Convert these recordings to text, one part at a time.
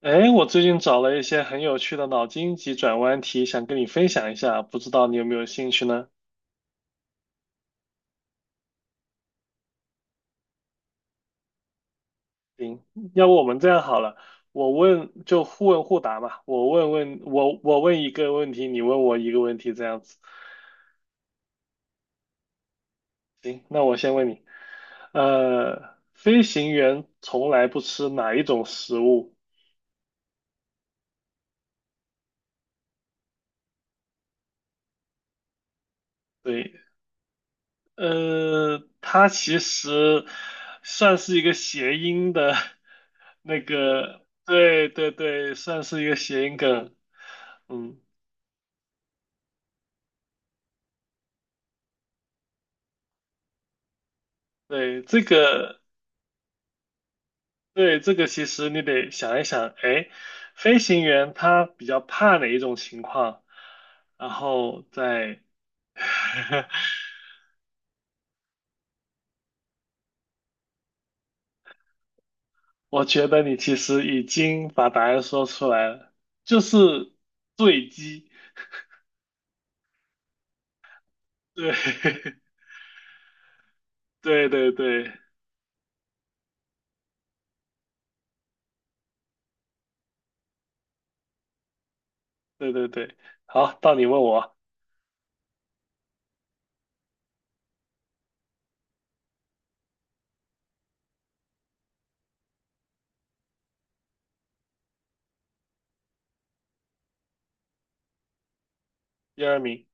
哎，我最近找了一些很有趣的脑筋急转弯题，想跟你分享一下，不知道你有没有兴趣呢？行，要不我们这样好了，我问就互问互答嘛，我问问问一个问题，你问我一个问题，这样子。行，那我先问你，飞行员从来不吃哪一种食物？对，它其实算是一个谐音的，对对对，算是一个谐音梗。嗯，对，这个，对，这个其实你得想一想，哎，飞行员他比较怕哪一种情况，然后再，我觉得你其实已经把答案说出来了，就是坠机。对，对对对对对对，好，到你问我。第二名，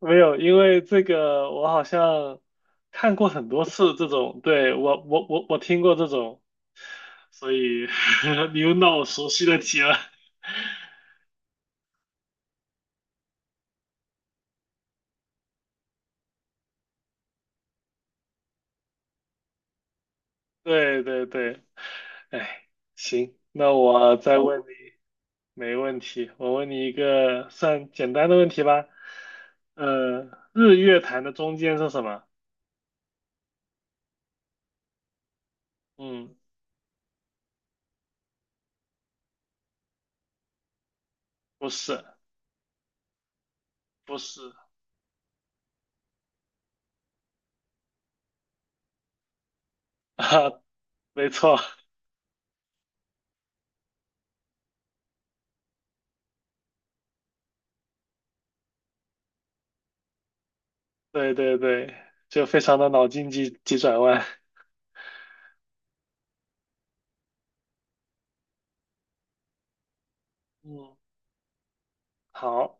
没有，因为这个我好像看过很多次这种，对，我听过这种，所以 你又让我熟悉的题了。对对对，哎，行，那我再问你，没问题，我问你一个算简单的问题吧。呃，日月潭的中间是什么？嗯，不是，不是 啊，没错，对对对，就非常的脑筋急急转弯。嗯，好。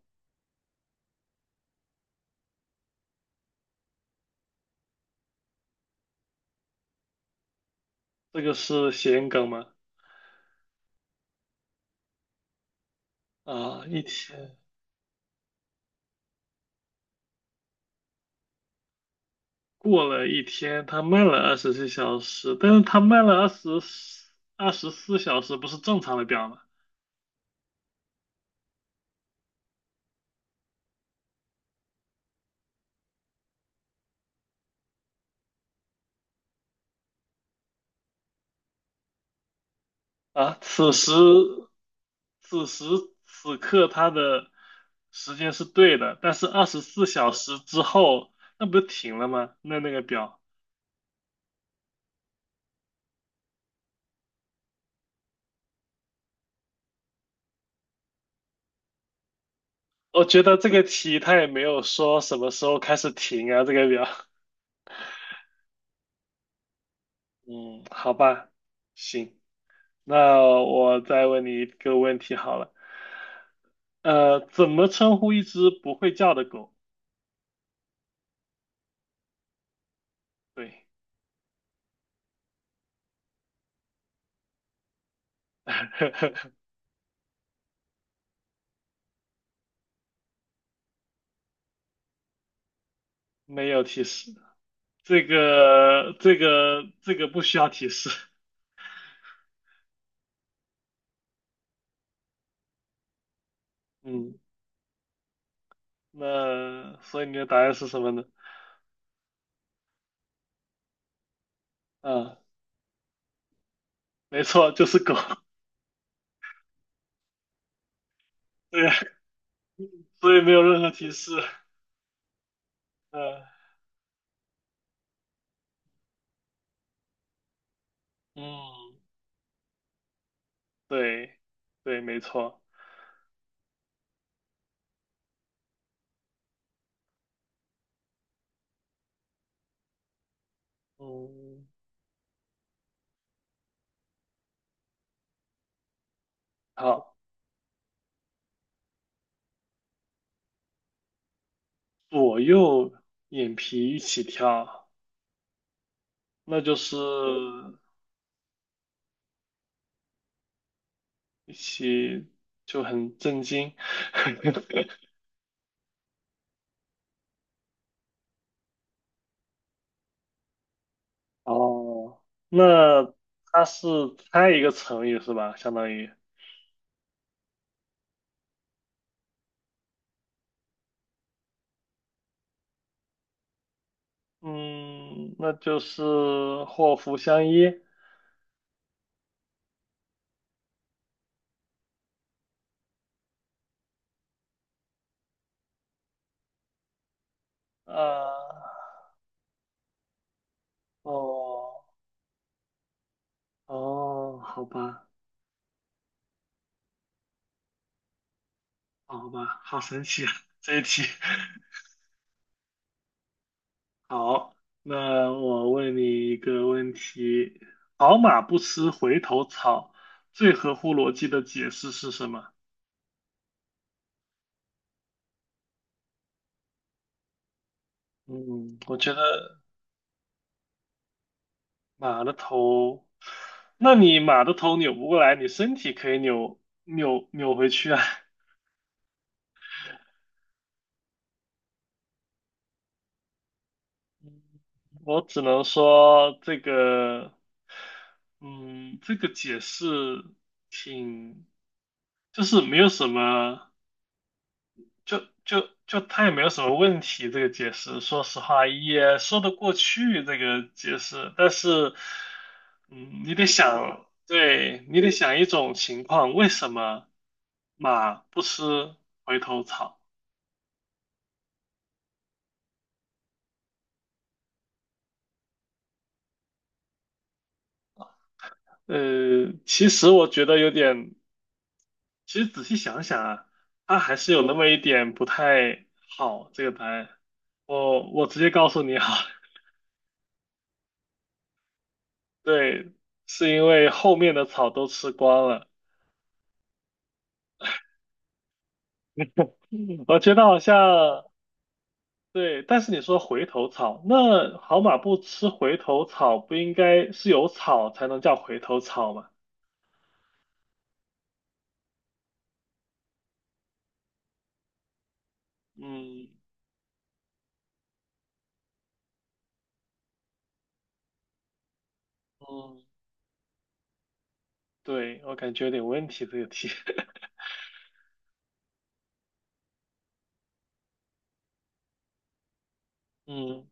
这个是谐音梗吗？啊，过了一天，他慢了二十四小时，但是他慢了二十四小时，不是正常的表吗？啊，此时此刻他的时间是对的，但是二十四小时之后，那不是停了吗？那个表，我觉得这个题他也没有说什么时候开始停啊，这个表。嗯，好吧，行，那我再问你一个问题好了。怎么称呼一只不会叫的狗？对，没有提示，这个不需要提示。嗯，那所以你的答案是什么呢？啊，没错，就是狗。对呀，所以没有任何提示。嗯嗯，对对，没错。嗯，好，左右眼皮一起跳，那就是一起就很震惊。哦，那它是猜一个成语是吧？相当于，嗯，那就是祸福相依。呃，哦，哦，好吧，哦好吧，好神奇啊，这一题。好，那我问你一个问题：好马不吃回头草，最合乎逻辑的解释是什么？嗯，我觉得。马的头，那你马的头扭不过来，你身体可以扭回去啊。我只能说这个，嗯，这个解释挺，就是没有什么。就他也没有什么问题，这个解释，说实话也说得过去，这个解释。但是，嗯，你得想，对，你得想一种情况，为什么马不吃回头草？呃，其实我觉得有点，其实仔细想想啊，它还是有那么一点不太好，这个答案。直接告诉你好了 对，是因为后面的草都吃光了。嗯我觉得好像，对，但是你说回头草，那好马不吃回头草，不应该是有草才能叫回头草吗？嗯嗯，对，我感觉有点问题这个题。嗯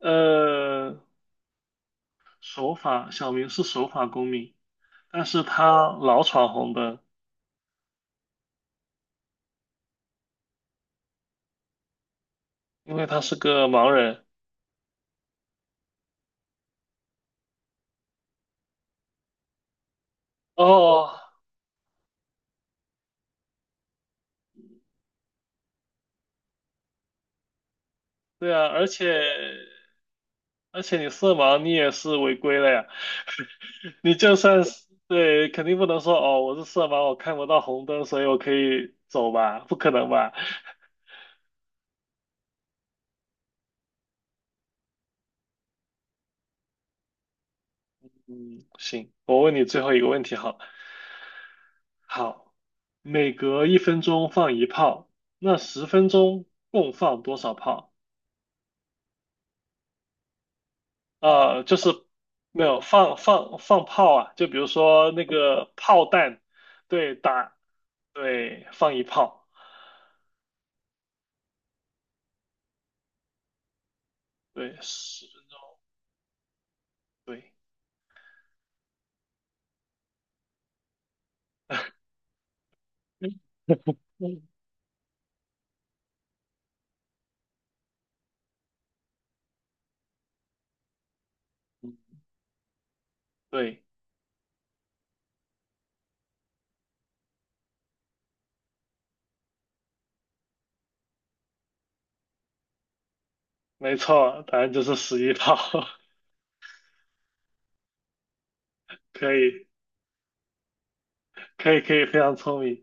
呃，守法，小明是守法公民，但是他老闯红灯，因为他是个盲人。哦，对啊，而且你色盲，你也是违规了呀。你就算是对，肯定不能说哦，我是色盲，我看不到红灯，所以我可以走吧？不可能吧？嗯，行，我问你最后一个问题好了好，每隔一分钟放一炮，那十分钟共放多少炮？就是没有放炮啊，就比如说那个炮弹，对，打，对，放一炮，对，十分钟，对。对，没错，答案就是11套，可以，可以，可以，非常聪明。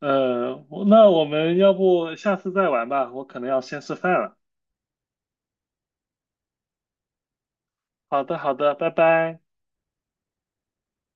嗯，我那我们要不下次再玩吧，我可能要先吃饭了。好的，好的，拜拜。